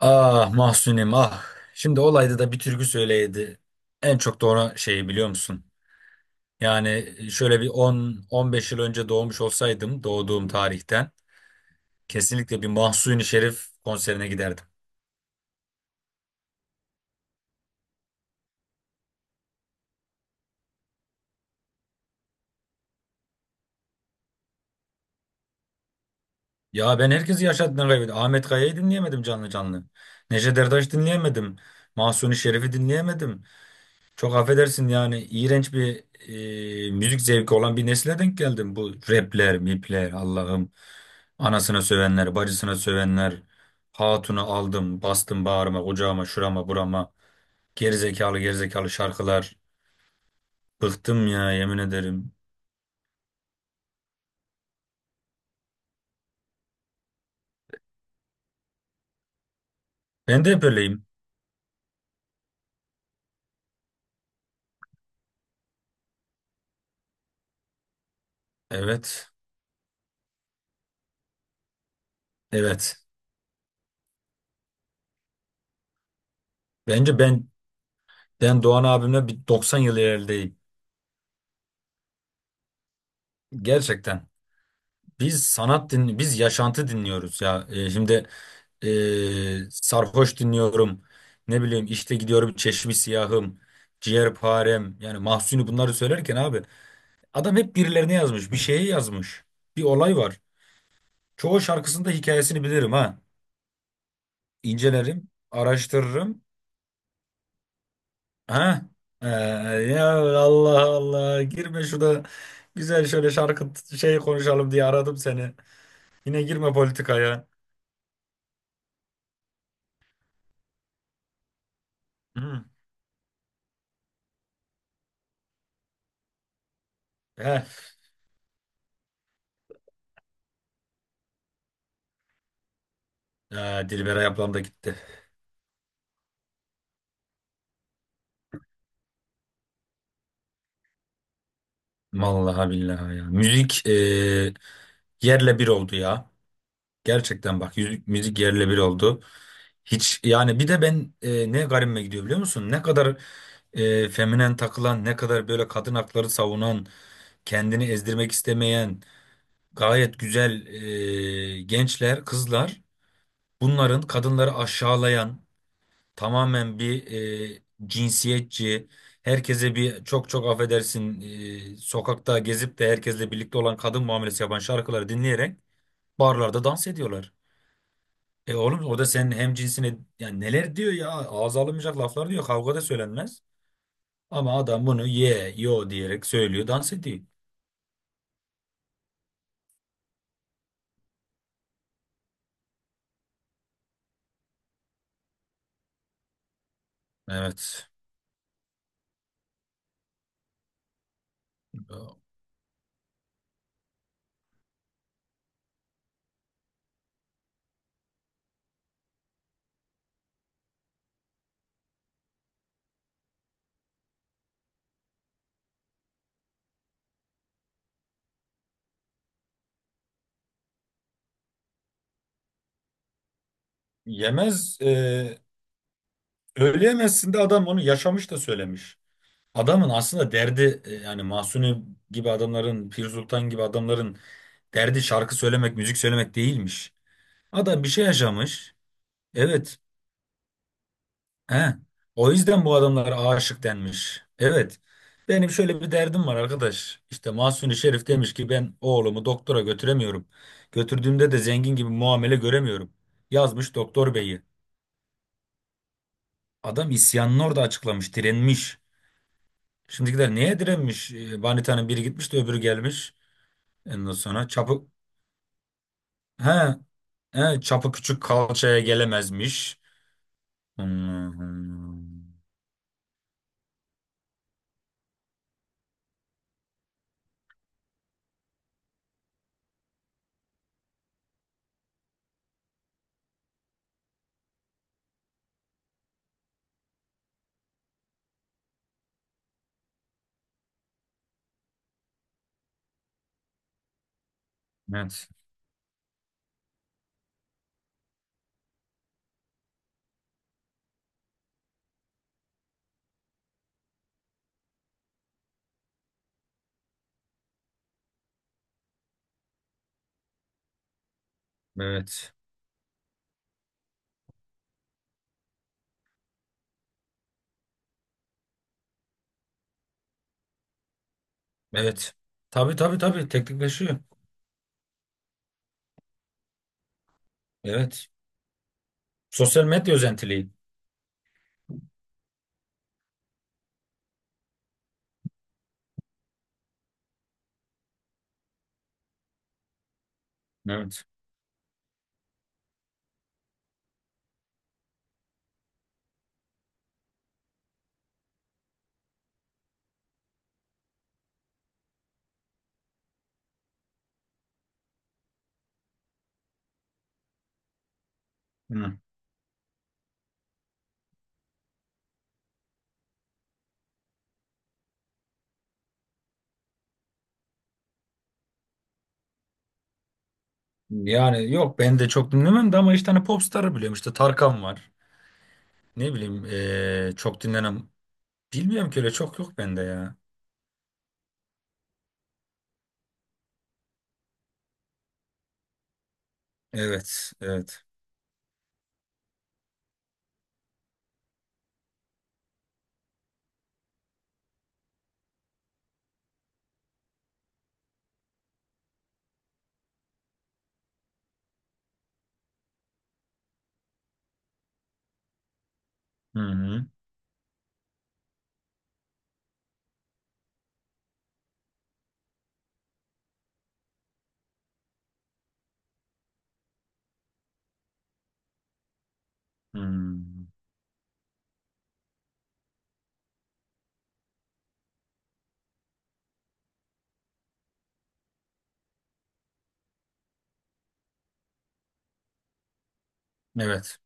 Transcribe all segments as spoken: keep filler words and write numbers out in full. Ah Mahsunim ah. Şimdi olayda da bir türkü söyleydi. En çok da şeyi biliyor musun? Yani e, Şöyle bir on on beş yıl önce doğmuş olsaydım doğduğum tarihten kesinlikle bir Mahsuni Şerif konserine giderdim. Ya ben herkesi yaşadığından kaybettim. Ahmet Kaya'yı dinleyemedim canlı canlı. Neşet Ertaş dinleyemedim. Mahsuni Şerif'i dinleyemedim. Çok affedersin yani iğrenç bir e, müzik zevki olan bir nesile denk geldim. Bu rapler, mipler Allah'ım. Anasına sövenler, bacısına sövenler. Hatunu aldım, bastım bağrıma, kucağıma, şurama, burama. Gerizekalı gerizekalı şarkılar. Bıktım ya yemin ederim. Ben de hep öyleyim. Evet. Evet. Bence ben ben Doğan abimle bir doksan yıl ilerideyim. Gerçekten. Biz sanat din, biz yaşantı dinliyoruz ya. E, şimdi e, sarhoş dinliyorum. Ne bileyim işte gidiyorum Çeşmi Siyahım, Ciğerparem. Yani Mahsuni bunları söylerken abi, adam hep birilerine yazmış, bir şeye yazmış. Bir olay var. Çoğu şarkısında hikayesini bilirim ha. İncelerim, araştırırım. Ha? Ee, ya Allah Allah girme şurada, güzel şöyle şarkı şey konuşalım diye aradım seni. Yine girme politikaya. Hı. Heh. Aa, Dilberay ablam da gitti. Vallahi billahi ya. Müzik e, yerle bir oldu ya. Gerçekten bak yüzük, müzik yerle bir oldu. Hiç yani bir de ben, e, ne garibime gidiyor biliyor musun? Ne kadar e, feminen takılan, ne kadar böyle kadın hakları savunan, kendini ezdirmek istemeyen, gayet güzel e, gençler, kızlar, bunların kadınları aşağılayan, tamamen bir e, cinsiyetçi, herkese bir çok çok affedersin, e, sokakta gezip de herkesle birlikte olan kadın muamelesi yapan şarkıları dinleyerek barlarda dans ediyorlar. E oğlum, o da senin hem cinsine. Yani neler diyor ya, ağza alınmayacak laflar diyor, kavgada söylenmez. Ama adam bunu ye yo diyerek söylüyor, dans ediyor. Evet. Yemez e, öyle yemezsin de adam onu yaşamış da söylemiş. Adamın aslında derdi, e, yani Mahsuni gibi adamların, Pir Sultan gibi adamların derdi şarkı söylemek, müzik söylemek değilmiş. Adam bir şey yaşamış. Evet. He, o yüzden bu adamlara aşık denmiş. Evet. Benim şöyle bir derdim var arkadaş. İşte Mahsuni Şerif demiş ki ben oğlumu doktora götüremiyorum. Götürdüğümde de zengin gibi muamele göremiyorum. Yazmış doktor beyi. Adam isyanını orada açıklamış, direnmiş. Şimdikiler neye direnmiş? E, Vanita'nın biri gitmiş de öbürü gelmiş. Ondan sonra çapı... He, he, çapı küçük kalçaya gelemezmiş. Allah'ım. Evet, evet, evet. Tabii tabii tabii teknikleşiyor. Evet. Sosyal medya özentiliği. Evet. Hı. Yani yok, ben de çok dinlemem de ama işte hani popstarı biliyorum. İşte Tarkan var. Ne bileyim eee, çok dinlenem. Bilmiyorum ki, öyle çok yok bende ya. Evet. Evet. Hı hı. Hı. Evet.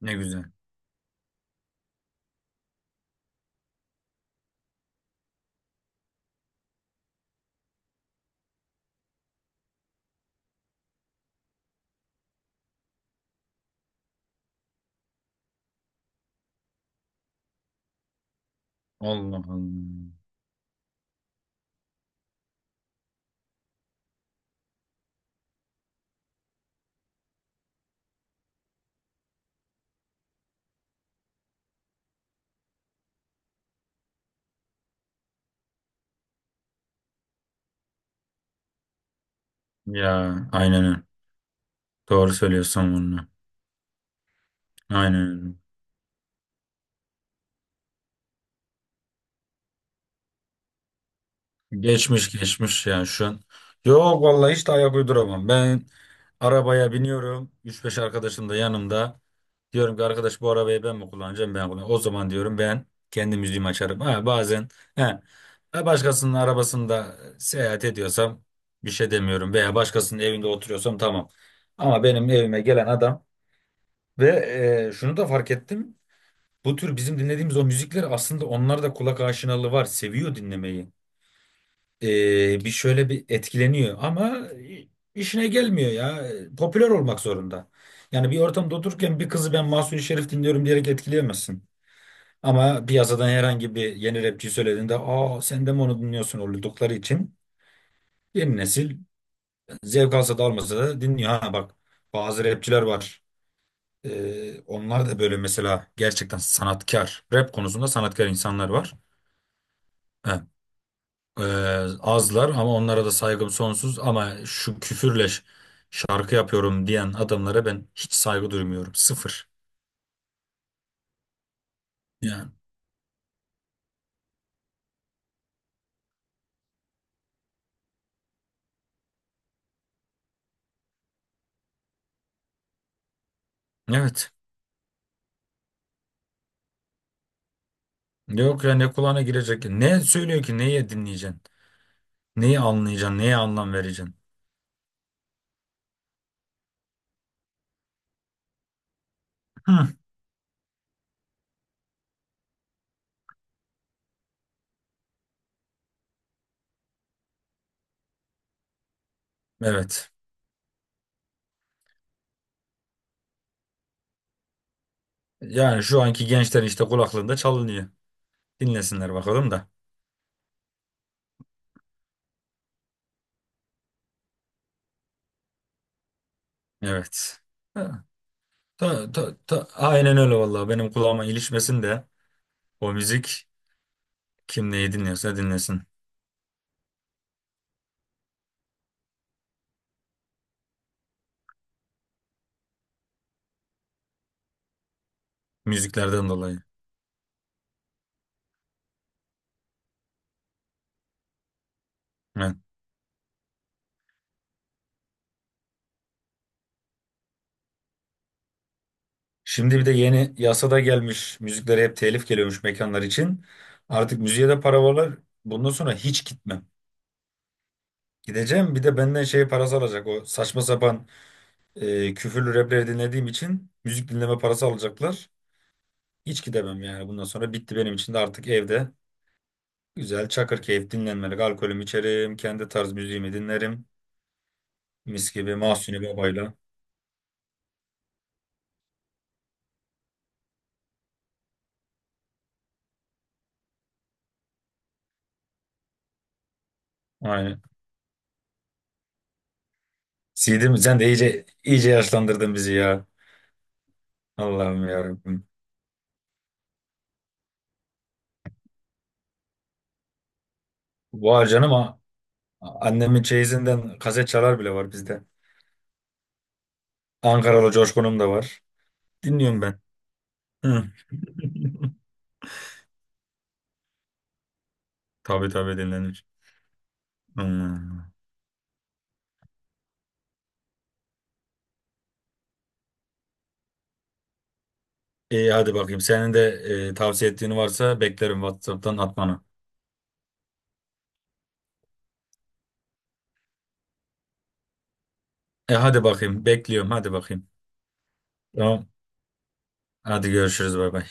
Ne güzel. Allah Allah. Ya aynen öyle. Doğru söylüyorsun bunu. Aynen öyle. Geçmiş geçmiş yani şu an. Yok vallahi, hiç de ayak uyduramam. Ben arabaya biniyorum, üç beş arkadaşım da yanımda. Diyorum ki arkadaş, bu arabayı ben mi kullanacağım? Ben kullanacağım. O zaman diyorum, ben kendi müziğimi açarım. Ha, bazen he, ha, başkasının arabasında seyahat ediyorsam bir şey demiyorum. Veya başkasının evinde oturuyorsam tamam. Ama benim evime gelen adam ve e, şunu da fark ettim. Bu tür bizim dinlediğimiz o müzikler aslında, onlar da kulak aşinalığı var. Seviyor dinlemeyi. Ee, bir şöyle bir etkileniyor ama işine gelmiyor ya. Popüler olmak zorunda. Yani bir ortamda otururken bir kızı, ben Mahsuni Şerif dinliyorum diyerek etkileyemezsin. Ama piyasadan herhangi bir yeni rapçi söylediğinde aa sen de mi onu dinliyorsun oldukları için, yeni nesil zevk alsa da almasa da dinliyor. Ha bak, bazı rapçiler var. Ee, onlar da böyle mesela, gerçekten sanatkar, rap konusunda sanatkar insanlar var. Ee, Azlar ama onlara da saygım sonsuz, ama şu küfürle ş- şarkı yapıyorum diyen adamlara ben hiç saygı duymuyorum. Sıfır. Yani evet. Yok ya, ne kulağına girecek. Ne söylüyor ki neye dinleyeceksin? Neyi anlayacaksın? Neye anlam vereceksin? Hı. Evet. Yani şu anki gençler işte kulaklığında çalınıyor. Dinlesinler bakalım da. Evet. Ha, ta, ta, ta, aynen öyle vallahi, benim kulağıma ilişmesin de o müzik, kim neyi dinliyorsa dinlesin. Müziklerden dolayı. Evet. Şimdi bir de yeni yasada gelmiş, müziklere hep telif geliyormuş mekanlar için. Artık müziğe de para varlar. Bundan sonra hiç gitmem. Gideceğim, bir de benden şey parası alacak. O saçma sapan, e, küfürlü rapleri dinlediğim için müzik dinleme parası alacaklar. Hiç gidemem yani bundan sonra, bitti benim için de. Artık evde güzel çakır keyif dinlenmelik alkolümü içerim. Kendi tarz müziğimi dinlerim. Mis gibi Mahsuni Baba'yla. Aynen. Sidim sen de iyice iyice yaşlandırdın bizi ya. Allah'ım yarabbim. Vay canım, annemin çeyizinden kaset çalar bile var bizde. Ankaralı Coşkun'um da var. Dinliyorum ben. Hı. Tabii tabii dinlenir. Hmm. İyi hadi bakayım. Senin de e, tavsiye ettiğin varsa beklerim WhatsApp'tan atmanı. E hadi bakayım. Bekliyorum hadi bakayım. Tamam. Hadi görüşürüz, bay bay.